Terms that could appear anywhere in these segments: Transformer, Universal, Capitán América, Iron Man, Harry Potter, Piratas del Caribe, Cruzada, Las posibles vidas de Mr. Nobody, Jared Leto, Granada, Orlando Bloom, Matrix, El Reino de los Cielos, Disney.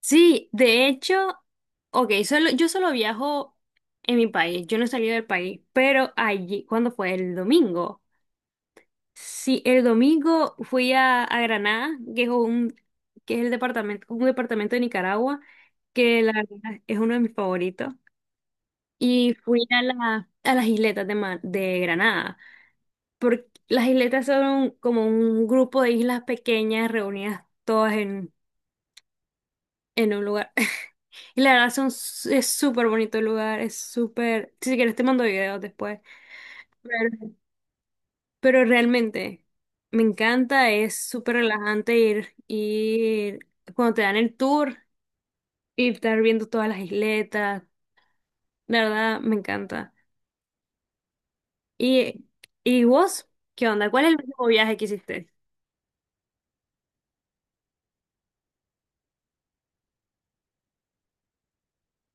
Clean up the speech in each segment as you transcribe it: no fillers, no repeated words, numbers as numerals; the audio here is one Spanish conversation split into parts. Sí, de hecho, ok, yo solo viajo en mi país, yo no he salido del país, pero allí, ¿cuándo fue? El domingo. Sí, el domingo fui a Granada, que es el departamento, un departamento de Nicaragua, que la verdad es uno de mis favoritos. Y fui a, a las isletas de Granada, porque las isletas son como un grupo de islas pequeñas reunidas en un lugar. Y la verdad es súper bonito el lugar, es súper. Si quieres te mando videos después. Pero, pero realmente me encanta, es súper relajante ir cuando te dan el tour y estar viendo todas las isletas. La verdad, me encanta. ¿Y, ¿y vos? ¿Qué onda? ¿Cuál es el último viaje que hiciste?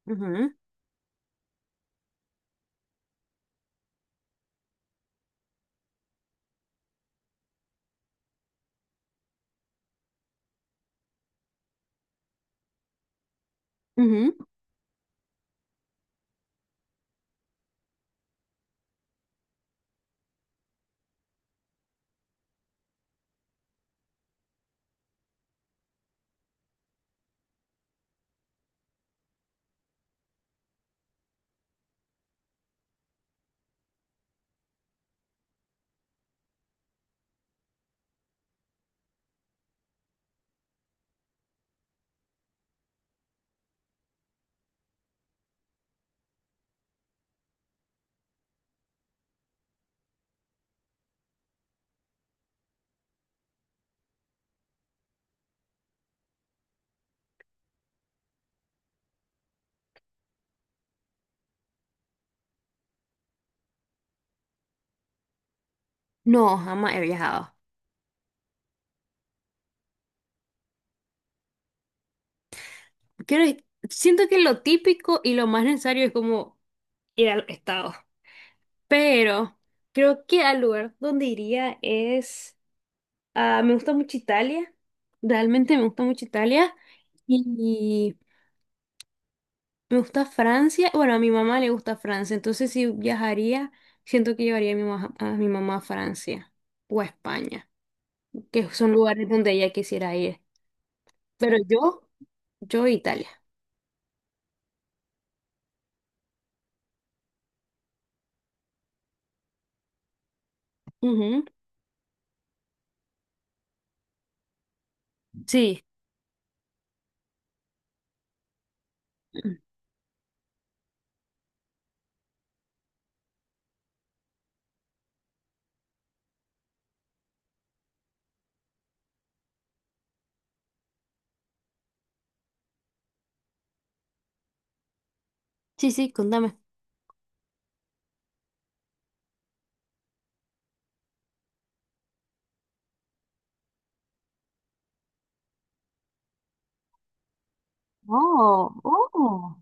Ujú, ujú. No, jamás he viajado. Quiero, siento que lo típico y lo más necesario es como ir al estado. Pero creo que al lugar donde iría es, ah, me gusta mucho Italia. Realmente me gusta mucho Italia. Y me gusta Francia. Bueno, a mi mamá le gusta Francia. Entonces si viajaría, siento que llevaría a a mi mamá a Francia o a España, que son lugares donde ella quisiera ir. Pero yo Italia. Ujú. Sí. Sí, sí, contame. Oh, oh.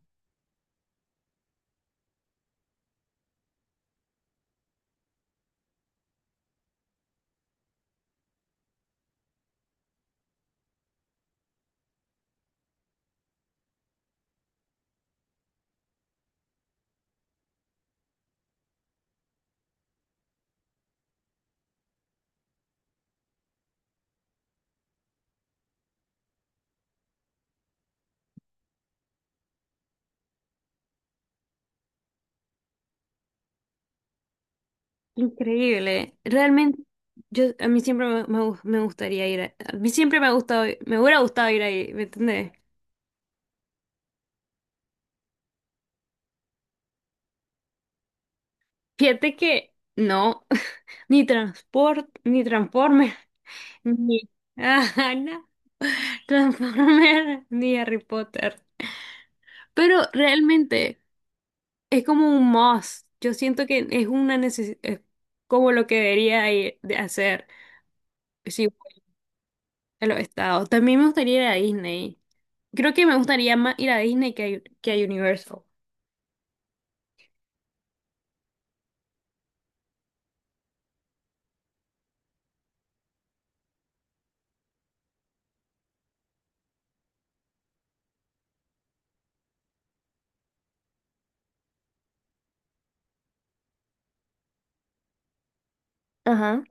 Increíble. Realmente, yo a mí siempre me, me gu- me gustaría ir a mí siempre me ha gustado, me hubiera gustado ir ahí, ¿me entendés? Fíjate que no, ni transport, ni Transformer, ni ajá, no, Transformer, ni Harry Potter. Pero realmente es como un must. Yo siento que es una necesidad, como lo que debería ir de hacer. Si a los estados. También me gustaría ir a Disney. Creo que me gustaría más ir a Disney que a Universal. Ajá.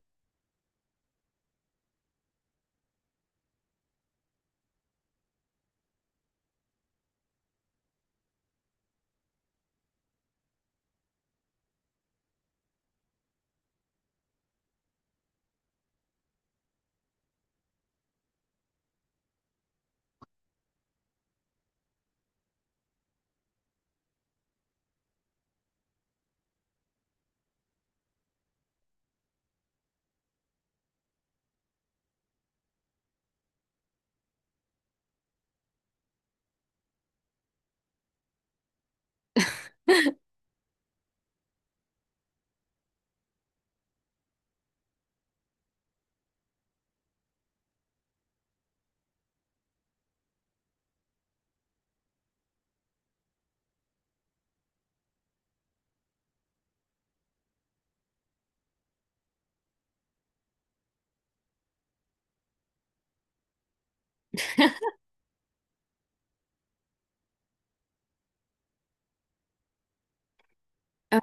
Ah,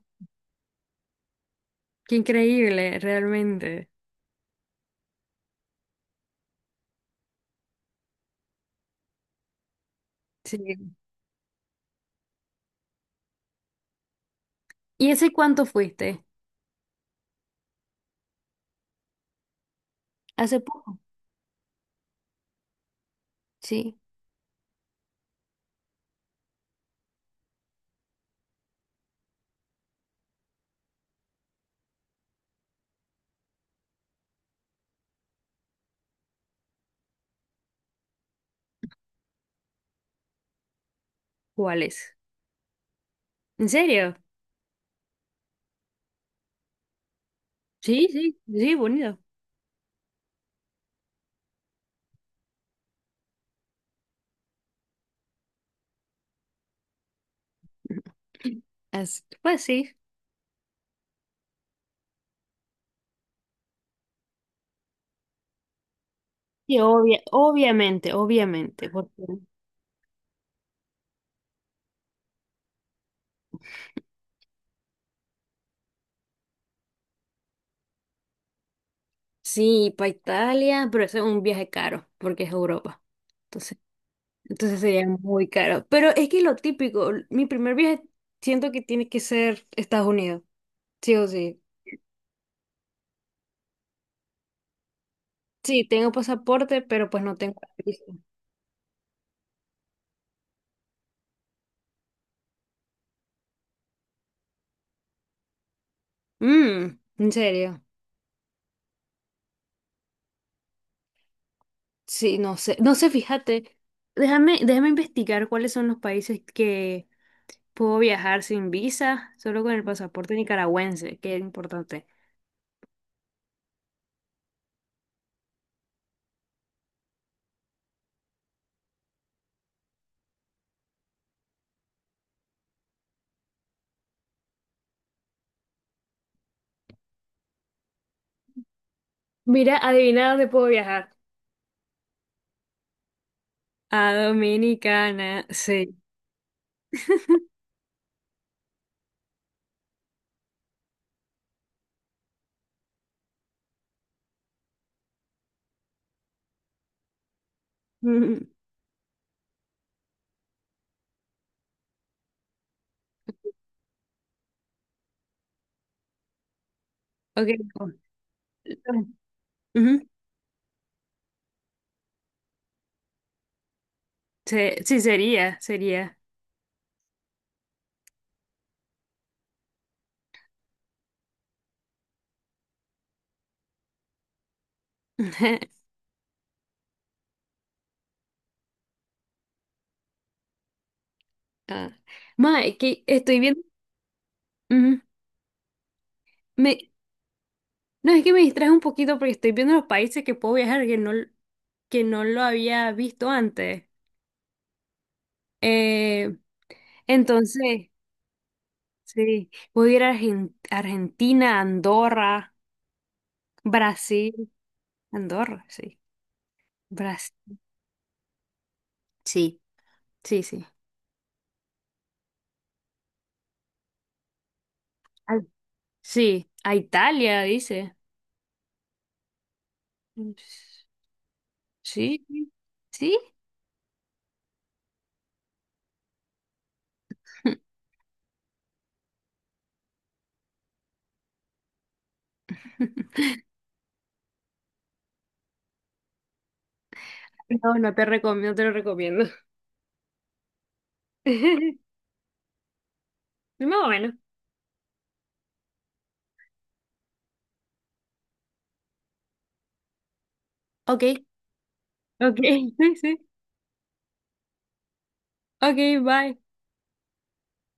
qué increíble, realmente. Sí. ¿Y ese cuánto fuiste? Hace poco, sí. ¿Cuál es? ¿En serio? Sí, sí, sí, bonito. Así- pues sí. Sí, obvia- obviamente, obviamente, porque sí, para Italia, pero eso es un viaje caro, porque es Europa. Entonces, entonces sería muy caro. Pero es que lo típico, mi primer viaje siento que tiene que ser Estados Unidos, sí o sí. Sí, tengo pasaporte, pero pues no tengo visa. Mm, ¿en serio? Sí, no sé, no sé, fíjate. Déjame, déjame investigar cuáles son los países que puedo viajar sin visa, solo con el pasaporte nicaragüense, que es importante. Mira, adivina dónde puedo viajar. A Dominicana, sí. Ujú. Ok, no, no, ujú. Sí, sería, sería. Ah. Ma, es que estoy viendo. Ujú. Me, no, es que me distraje un poquito porque estoy viendo los países que puedo viajar que no lo había visto antes. Eh, entonces, sí, puedo ir a Argentina, Andorra, Brasil. Andorra, sí. Brasil. Sí, sí, sí. Sí, a Italia, dice. Sí, sí. ¿Sí? No, no te recomiendo, no te lo recomiendo. Más o menos. Ok, ok, sí. Ok, bye.